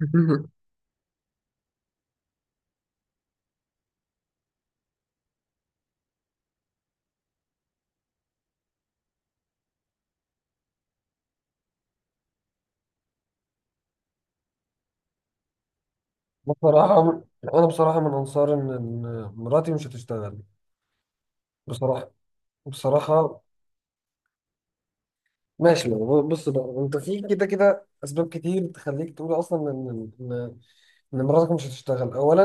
بصراحة، أنا من أنصار إن مراتي مش هتشتغل. بصراحة. بصراحة، ماشي. يعني بص بقى، أنت في كده كده أسباب كتير تخليك تقول أصلا إن مراتك مش هتشتغل. أولا،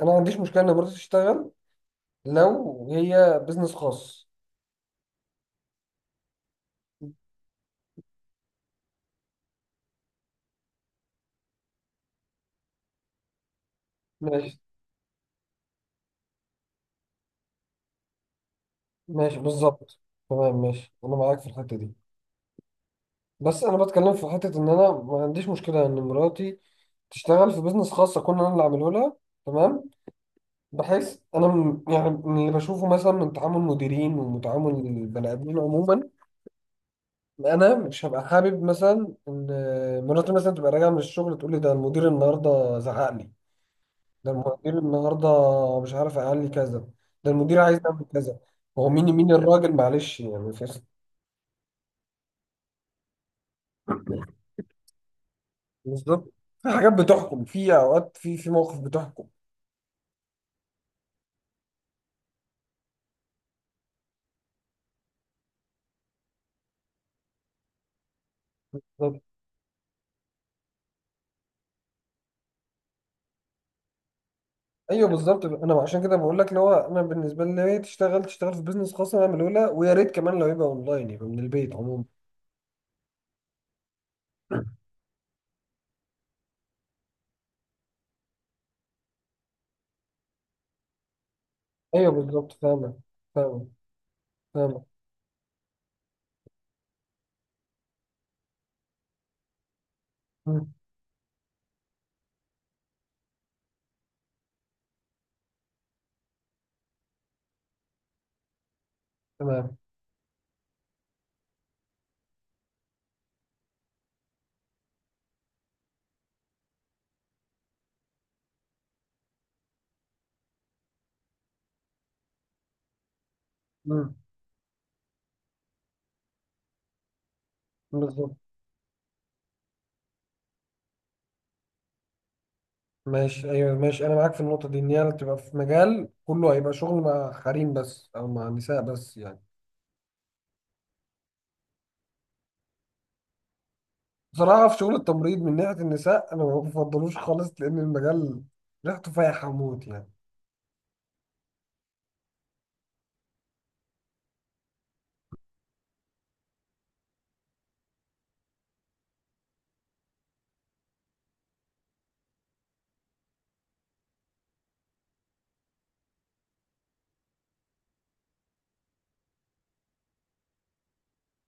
أنا ما عنديش مشكلة إن مراتي تشتغل لو هي بيزنس خاص. ماشي، ماشي، بالظبط، تمام، ماشي، أنا معاك في الحتة دي. بس أنا بتكلم في حتة إن أنا ما عنديش مشكلة إن مراتي تشتغل في بيزنس خاص أكون أنا اللي عامله لها. تمام. بحس يعني من اللي بشوفه مثلا من تعامل مديرين وتعامل البني ادمين عموما، انا مش هبقى حابب مثلا ان مراتي مثلا تبقى راجعه من الشغل تقول لي: ده المدير النهارده زعق لي، ده المدير النهارده مش عارف قال لي كذا، ده المدير عايز يعمل كذا. هو مين الراجل؟ معلش يعني في. بالظبط، في حاجات بتحكم، في اوقات، في مواقف بتحكم. ايوه، بالظبط، انا عشان كده بقول لك اللي هو انا بالنسبه لي لو هي تشتغل، تشتغل في بيزنس خاص، انا من الاولى. ويا ريت كمان لو يبقى اونلاين، يبقى من البيت عموما. ايوه، بالظبط، فاهمك، فاهمك، فاهمك، مم، تمام. مم، بالظبط. ماشي، ايوه، ماشي، انا معاك في النقطه دي، ان هي تبقى في مجال كله هيبقى شغل مع حريم بس او مع نساء بس يعني. بصراحه، في شغل التمريض من ناحيه النساء انا ما بفضلوش خالص، لان المجال ريحته فايحه موت يعني.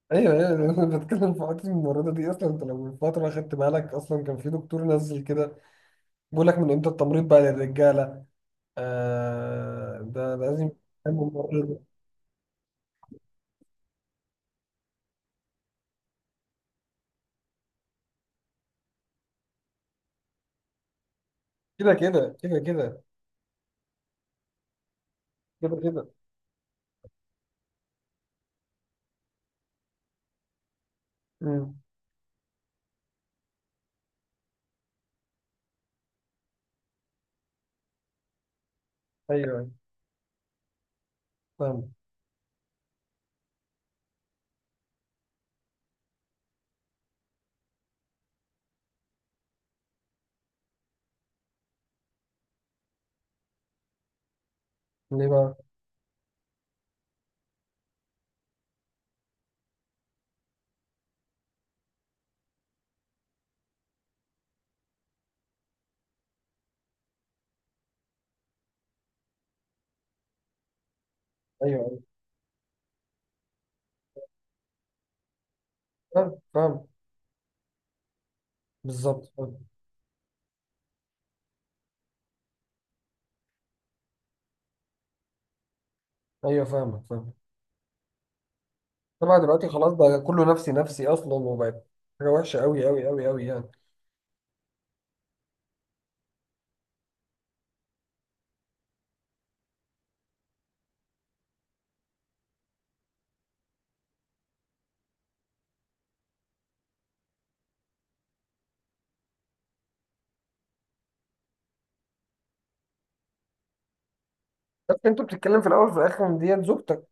ايوه، ايوه، انا بتكلم في حته الممرضه دي. اصلا انت لو من فتره خدت بالك، اصلا كان في دكتور نزل كده بيقول لك: من امتى التمريض بقى للرجاله؟ آه، ده لازم يكون ممرضه. كده كده كده كده كده كده. امم. ايوه، ايوه، فاهم. ليه بقى؟ ايوه، ايوه، فاهم، فاهم، بالظبط، فاهم. ايوه، فاهمك، فاهم. طبعا دلوقتي خلاص بقى، كله نفسي نفسي اصلا، وبقت حاجه وحشه قوي قوي قوي قوي يعني. بس انت بتتكلم في الاول وفي الاخر إن دي زوجتك.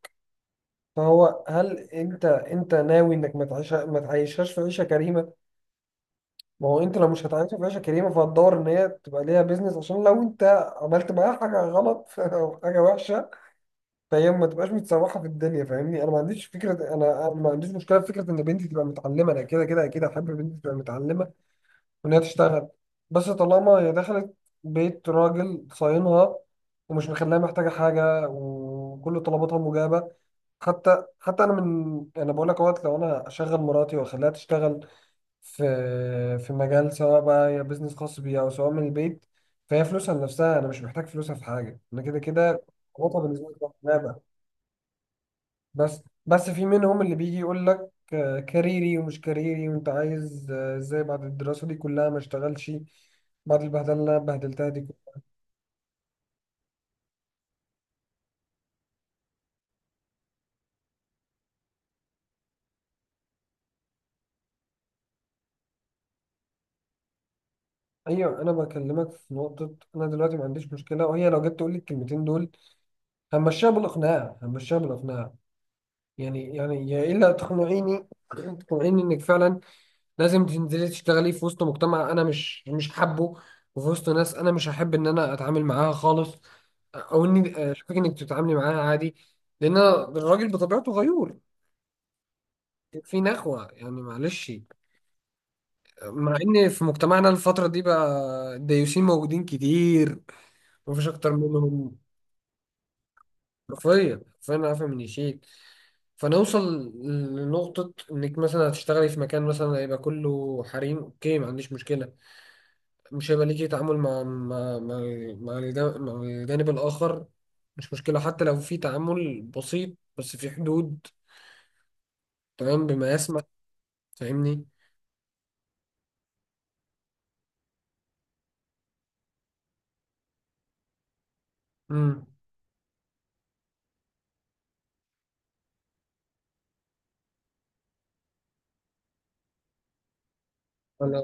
فهو، هل انت ناوي انك ما تعيشهاش في عيشه كريمه؟ ما هو انت لو مش هتعيشها في عيشه كريمه، فهتدور ان هي تبقى ليها بيزنس. عشان لو انت عملت معاها حاجه غلط او حاجه وحشه، فهي ما تبقاش متسوحه في الدنيا. فاهمني، انا ما عنديش فكره، انا ما عنديش مشكله في فكره ان بنتي تبقى متعلمه، انا كده كده اكيد احب بنتي تبقى متعلمه، وإن هي تشتغل. بس طالما هي دخلت بيت راجل صاينها، ومش مخليها محتاجة حاجة، وكل طلباتها مجابة، حتى أنا من أنا بقول لك أهوت، لو أنا أشغل مراتي وأخليها تشتغل في في مجال، سواء بقى هي بيزنس خاص بيها أو سواء من البيت، فهي فلوسها لنفسها، أنا مش محتاج فلوسها في حاجة، أنا كده كده طلباتها بالنسبة لي. بس في منهم اللي بيجي يقول لك: آه، كاريري ومش كاريري، وانت عايز آه، ازاي بعد الدراسة دي كلها ما اشتغلش بعد البهدله اللي انا بهدلتها دي كلها. ايوه، انا بكلمك في نقطة. انا دلوقتي ما عنديش مشكلة، وهي لو جت تقول لي الكلمتين دول، همشيها بالاقناع، همشيها بالاقناع. يعني يا الا تقنعيني تقنعيني انك فعلا لازم تنزلي تشتغلي في وسط مجتمع انا مش حابه، وفي وسط ناس انا مش هحب ان انا اتعامل معاها خالص، او اني اشوفك انك تتعاملي معاها عادي. لان أنا الراجل بطبيعته غيور، في نخوة يعني، معلش. مع ان في مجتمعنا الفترة دي بقى، الديوسين موجودين كتير، مفيش اكتر منهم حرفيا، فانا عارفة من يشيل. فنوصل لنقطة انك مثلا هتشتغلي في مكان مثلا هيبقى كله حريم، اوكي، ما عنديش مشكلة، مش هيبقى ليكي تعامل مع الجانب الآخر، مش مشكلة. حتى لو في تعامل بسيط بس في حدود، تمام، بما يسمح. فاهمني؟ امم. انا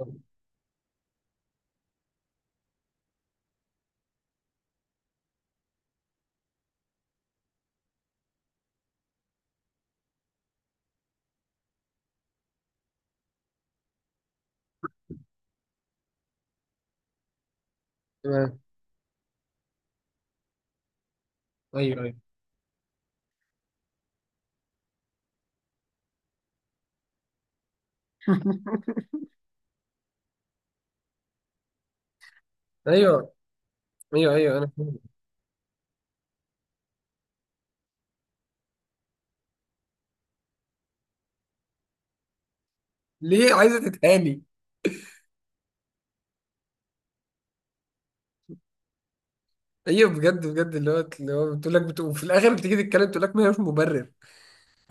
تمام. ايوه، ايوه، ايوه، ايوه، ايوه، انا فاهم. ليه عايزة تتهاني؟ ايوه، بجد بجد اللي هو بتقول لك، بتقول في الاخر، بتيجي تتكلم تقول لك ما هوش مبرر.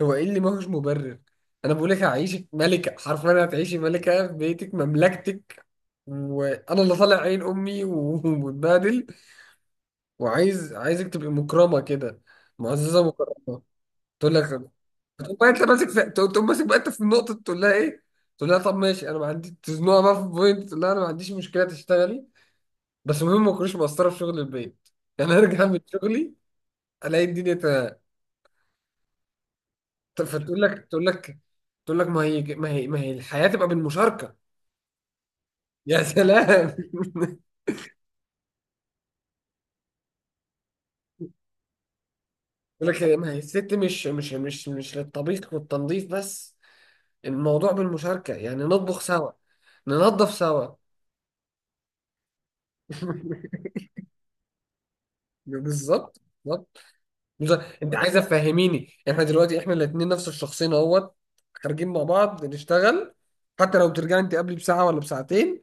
هو ايه اللي ما هوش مبرر؟ انا بقول لك هعيشك ملكة، حرفيا هتعيشي ملكة في بيتك مملكتك، وانا اللي طالع عين امي و- ومتبهدل، عايزك تبقي مكرمه كده، معززه مكرمه. تقول لك. تقوم ماسك بقى انت في النقطه، تقول لها ايه؟ تقول لها: طب ماشي، انا ما عندي، تزنقها بقى في بوينت، تقول لها: انا ما عنديش مشكله تشتغلي، بس المهم ما تكونيش مقصره في شغل البيت يعني ارجع من شغلي الاقي الدنيا تمام. فتقول لك، تقول لك تقول لك ما هي الحياه تبقى بالمشاركه. يا سلام. يقول لك: ما هي الست مش للطبيخ والتنظيف بس، الموضوع بالمشاركه، يعني نطبخ سوا، ننظف سوا. بالظبط، بالظبط. بص، انت عايزه تفهميني، احنا دلوقتي احنا الاثنين نفس الشخصين اهوت، خارجين مع بعض نشتغل. حتى لو بترجعي انت قبلي بساعه ولا بساعتين،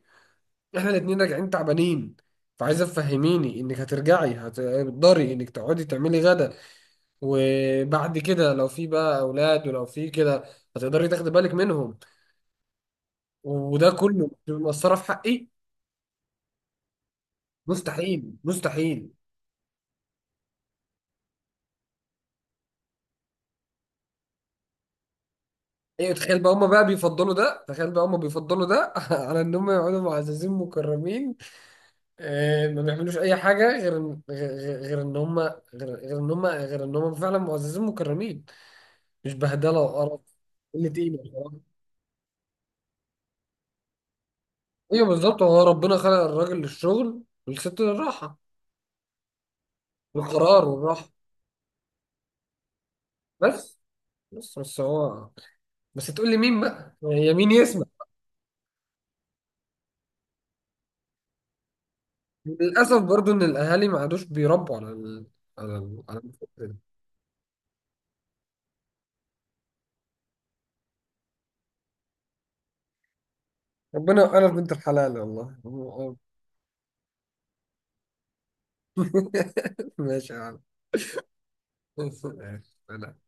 احنا الاثنين راجعين تعبانين. فعايزه تفهميني انك هترجعي هتقدري انك تقعدي تعملي غدا، وبعد كده لو في بقى اولاد ولو في كده هتقدري تاخدي بالك منهم؟ وده كله مأثره في حقي. مستحيل، مستحيل. ايوه، تخيل بقى هما بقى بيفضلوا ده، تخيل بقى هما بيفضلوا ده على ان هما يقعدوا معززين مكرمين. آه، ما بيعملوش اي حاجه غير غير غير غير ان هما غير ان هما فعلا معززين مكرمين، مش بهدله وقرف. قله قيمه بصراحة. ايوه، بالظبط، هو ربنا خلق الراجل للشغل، والست للراحه والقرار والراحه. بس بس بس هو بس تقول لي مين بقى؟ هي مين يسمع؟ للاسف برضو ان الاهالي ما عادوش بيربوا على الفكرة دي. ربنا وفقنا في بنت الحلال والله. ماشي يا عم.